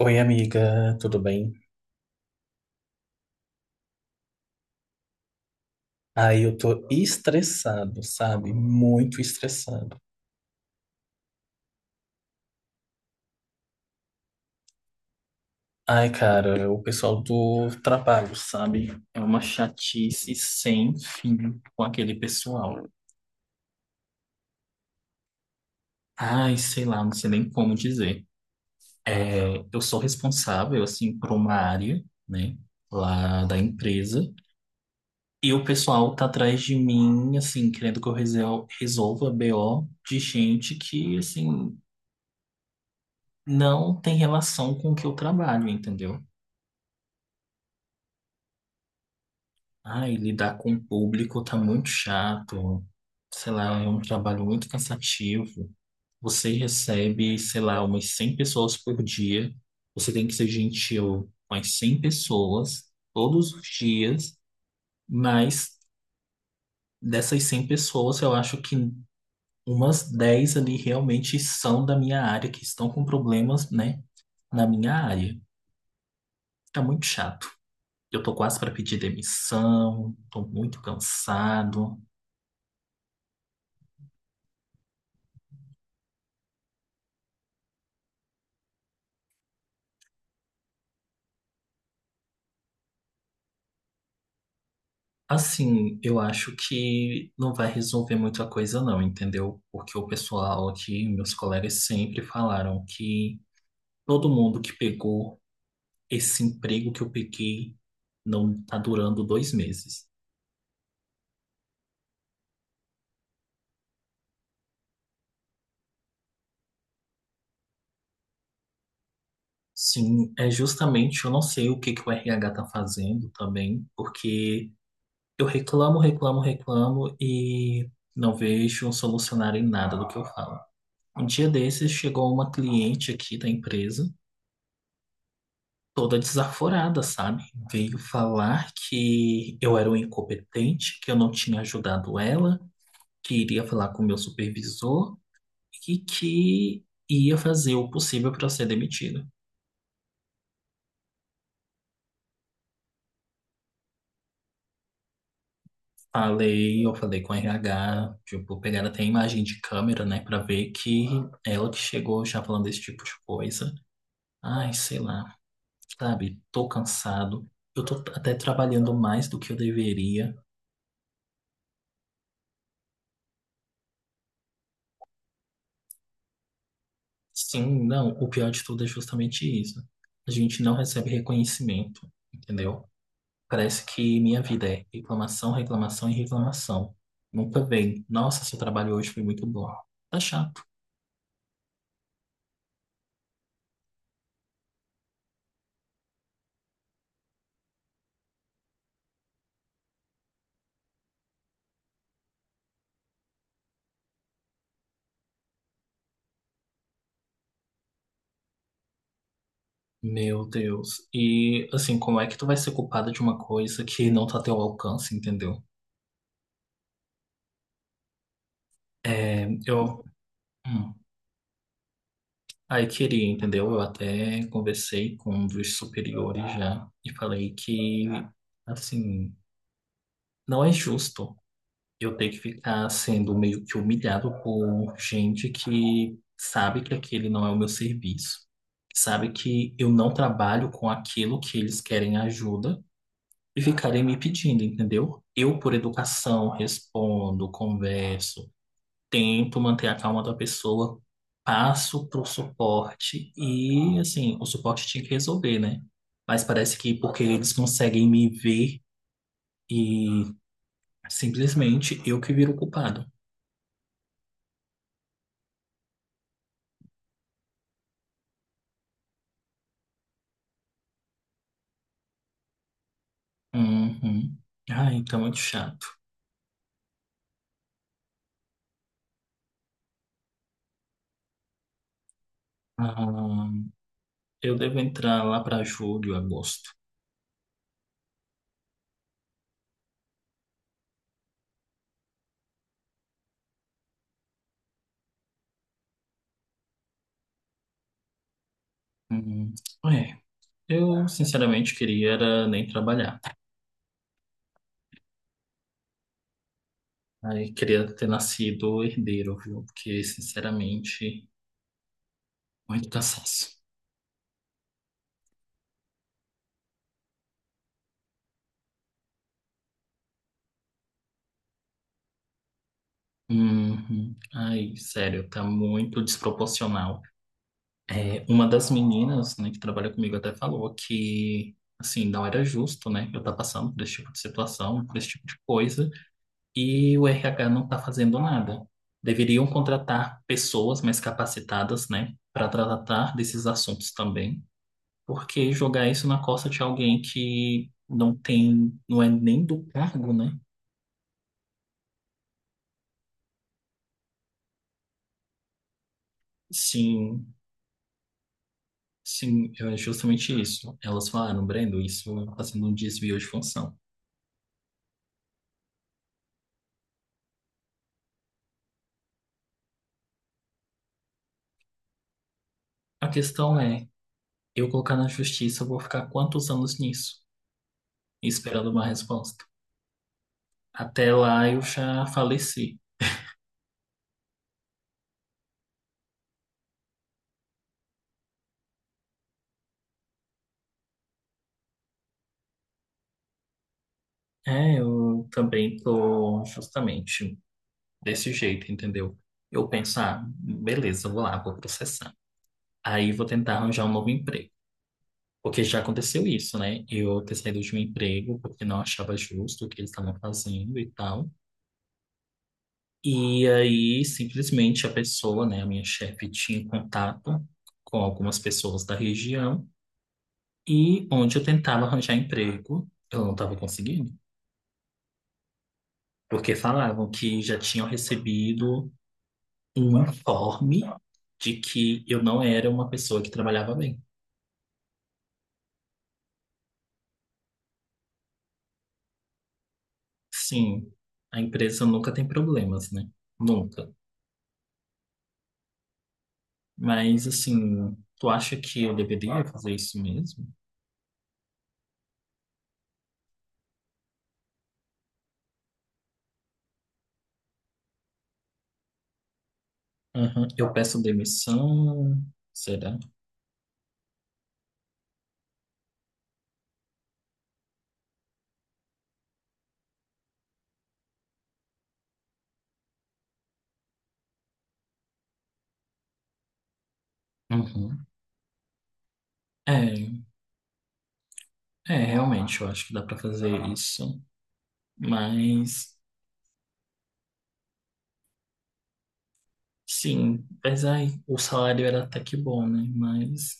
Oi, amiga, tudo bem? Aí eu tô estressado, sabe? Muito estressado. Ai, cara, o pessoal do trabalho, sabe? É uma chatice sem fim com aquele pessoal. Ai, sei lá, não sei nem como dizer. É, eu sou responsável, assim, por uma área, né? Lá da empresa. E o pessoal tá atrás de mim, assim, querendo que resolva BO de gente que, assim, não tem relação com o que eu trabalho, entendeu? Ai, lidar com o público tá muito chato. Sei lá, é um trabalho muito cansativo. Você recebe, sei lá, umas 100 pessoas por dia. Você tem que ser gentil com as 100 pessoas todos os dias, mas dessas 100 pessoas, eu acho que umas 10 ali realmente são da minha área, que estão com problemas, né, na minha área. Tá muito chato. Eu tô quase para pedir demissão, tô muito cansado. Assim, eu acho que não vai resolver muita coisa não, entendeu? Porque o pessoal aqui, meus colegas sempre falaram que todo mundo que pegou esse emprego que eu peguei não tá durando dois meses. Sim, é justamente, eu não sei o que que o RH tá fazendo também, porque eu reclamo, reclamo, reclamo e não vejo solucionar em nada do que eu falo. Um dia desses chegou uma cliente aqui da empresa, toda desaforada, sabe? Veio falar que eu era um incompetente, que eu não tinha ajudado ela, que iria falar com o meu supervisor e que ia fazer o possível para eu ser demitido. Falei, eu falei com o RH, tipo, pegaram até a imagem de câmera, né, para ver que ela que chegou já falando desse tipo de coisa. Ai, sei lá, sabe? Tô cansado. Eu tô até trabalhando mais do que eu deveria. Sim, não, o pior de tudo é justamente isso. A gente não recebe reconhecimento, entendeu? Parece que minha vida é reclamação, reclamação e reclamação. Nunca vem: "Nossa, seu trabalho hoje foi muito bom." Tá chato. Meu Deus. E assim, como é que tu vai ser culpada de uma coisa que não tá a teu alcance, entendeu? É, eu, hum, aí queria, entendeu? Eu até conversei com um dos superiores já e falei que, assim, não é justo. Eu tenho que ficar sendo meio que humilhado por gente que sabe que aquele não é o meu serviço, sabe que eu não trabalho com aquilo que eles querem ajuda e ficarem me pedindo, entendeu? Eu, por educação, respondo, converso, tento manter a calma da pessoa, passo pro suporte e, assim, o suporte tinha que resolver, né? Mas parece que porque eles conseguem me ver e simplesmente eu que viro o culpado. Uhum. Ah, então é muito chato. Ah, eu devo entrar lá para julho, agosto. Hum, é, eu sinceramente queria era nem trabalhar. Aí queria ter nascido herdeiro, viu? Porque, sinceramente, muito cansaço. Uhum. Ai, sério, tá muito desproporcional. É, uma das meninas, né, que trabalha comigo até falou que, assim, não era justo, né, eu estar passando por esse tipo de situação, por esse tipo de coisa, e o RH não está fazendo nada. Deveriam contratar pessoas mais capacitadas, né, para tratar desses assuntos também, porque jogar isso na costa de alguém que não tem, não é nem do cargo, né? Sim, sim, é justamente isso. Elas falaram: "Brendo, isso está sendo um desvio de função." A questão é, eu colocar na justiça, eu vou ficar quantos anos nisso, esperando uma resposta? Até lá eu já faleci. É, eu também tô justamente desse jeito, entendeu? Eu penso: "Ah, beleza, vou lá, vou processar." Aí vou tentar arranjar um novo emprego. Porque já aconteceu isso, né? Eu ter saído de um emprego porque não achava justo o que eles estavam fazendo e tal. E aí, simplesmente, a pessoa, né, a minha chefe, tinha contato com algumas pessoas da região e onde eu tentava arranjar emprego, eu não estava conseguindo. Porque falavam que já tinham recebido um informe de que eu não era uma pessoa que trabalhava bem. Sim, a empresa nunca tem problemas, né? Nunca. Mas, assim, tu acha que eu deveria fazer isso mesmo? Aham. Eu peço demissão, será? Uhum. É, é, realmente, eu acho que dá pra fazer isso. Mas, sim, mas aí, o salário era até que bom, né? Mas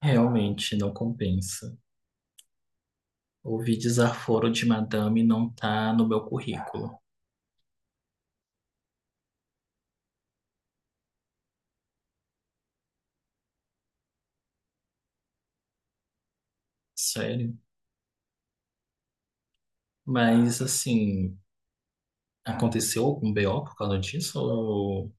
realmente não compensa. Ouvir desaforo de madame não tá no meu currículo. Sério? Mas, assim, aconteceu algum BO por causa disso? Ou...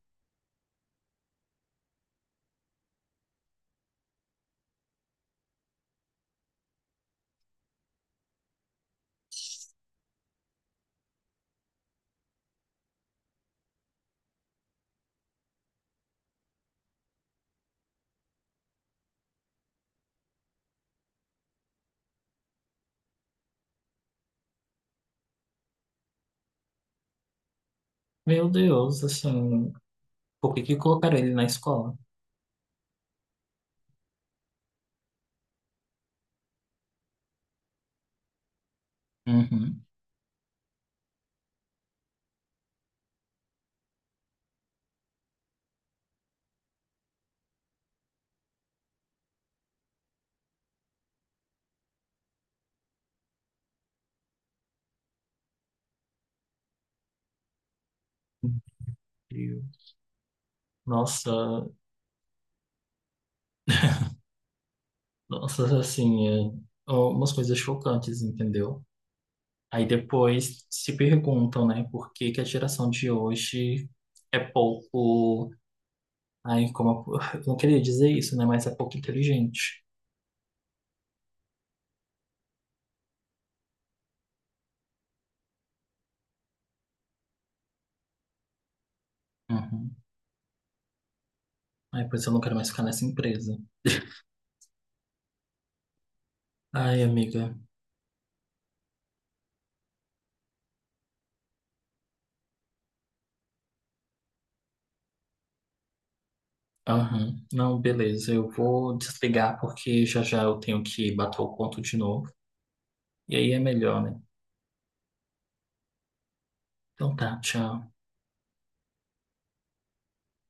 Meu Deus, assim, por que que colocaram ele na escola? Uhum. Incrível. Nossa, nossa, assim, é um, umas coisas chocantes, entendeu? Aí depois se perguntam, né, por que que a geração de hoje é pouco. Ai, como, eu não queria dizer isso, né, mas é pouco inteligente. Uhum. Ai, pois eu não quero mais ficar nessa empresa. Ai, amiga. Aham. Não, beleza. Eu vou desligar porque já já eu tenho que bater o ponto de novo. E aí é melhor, né? Então tá, tchau.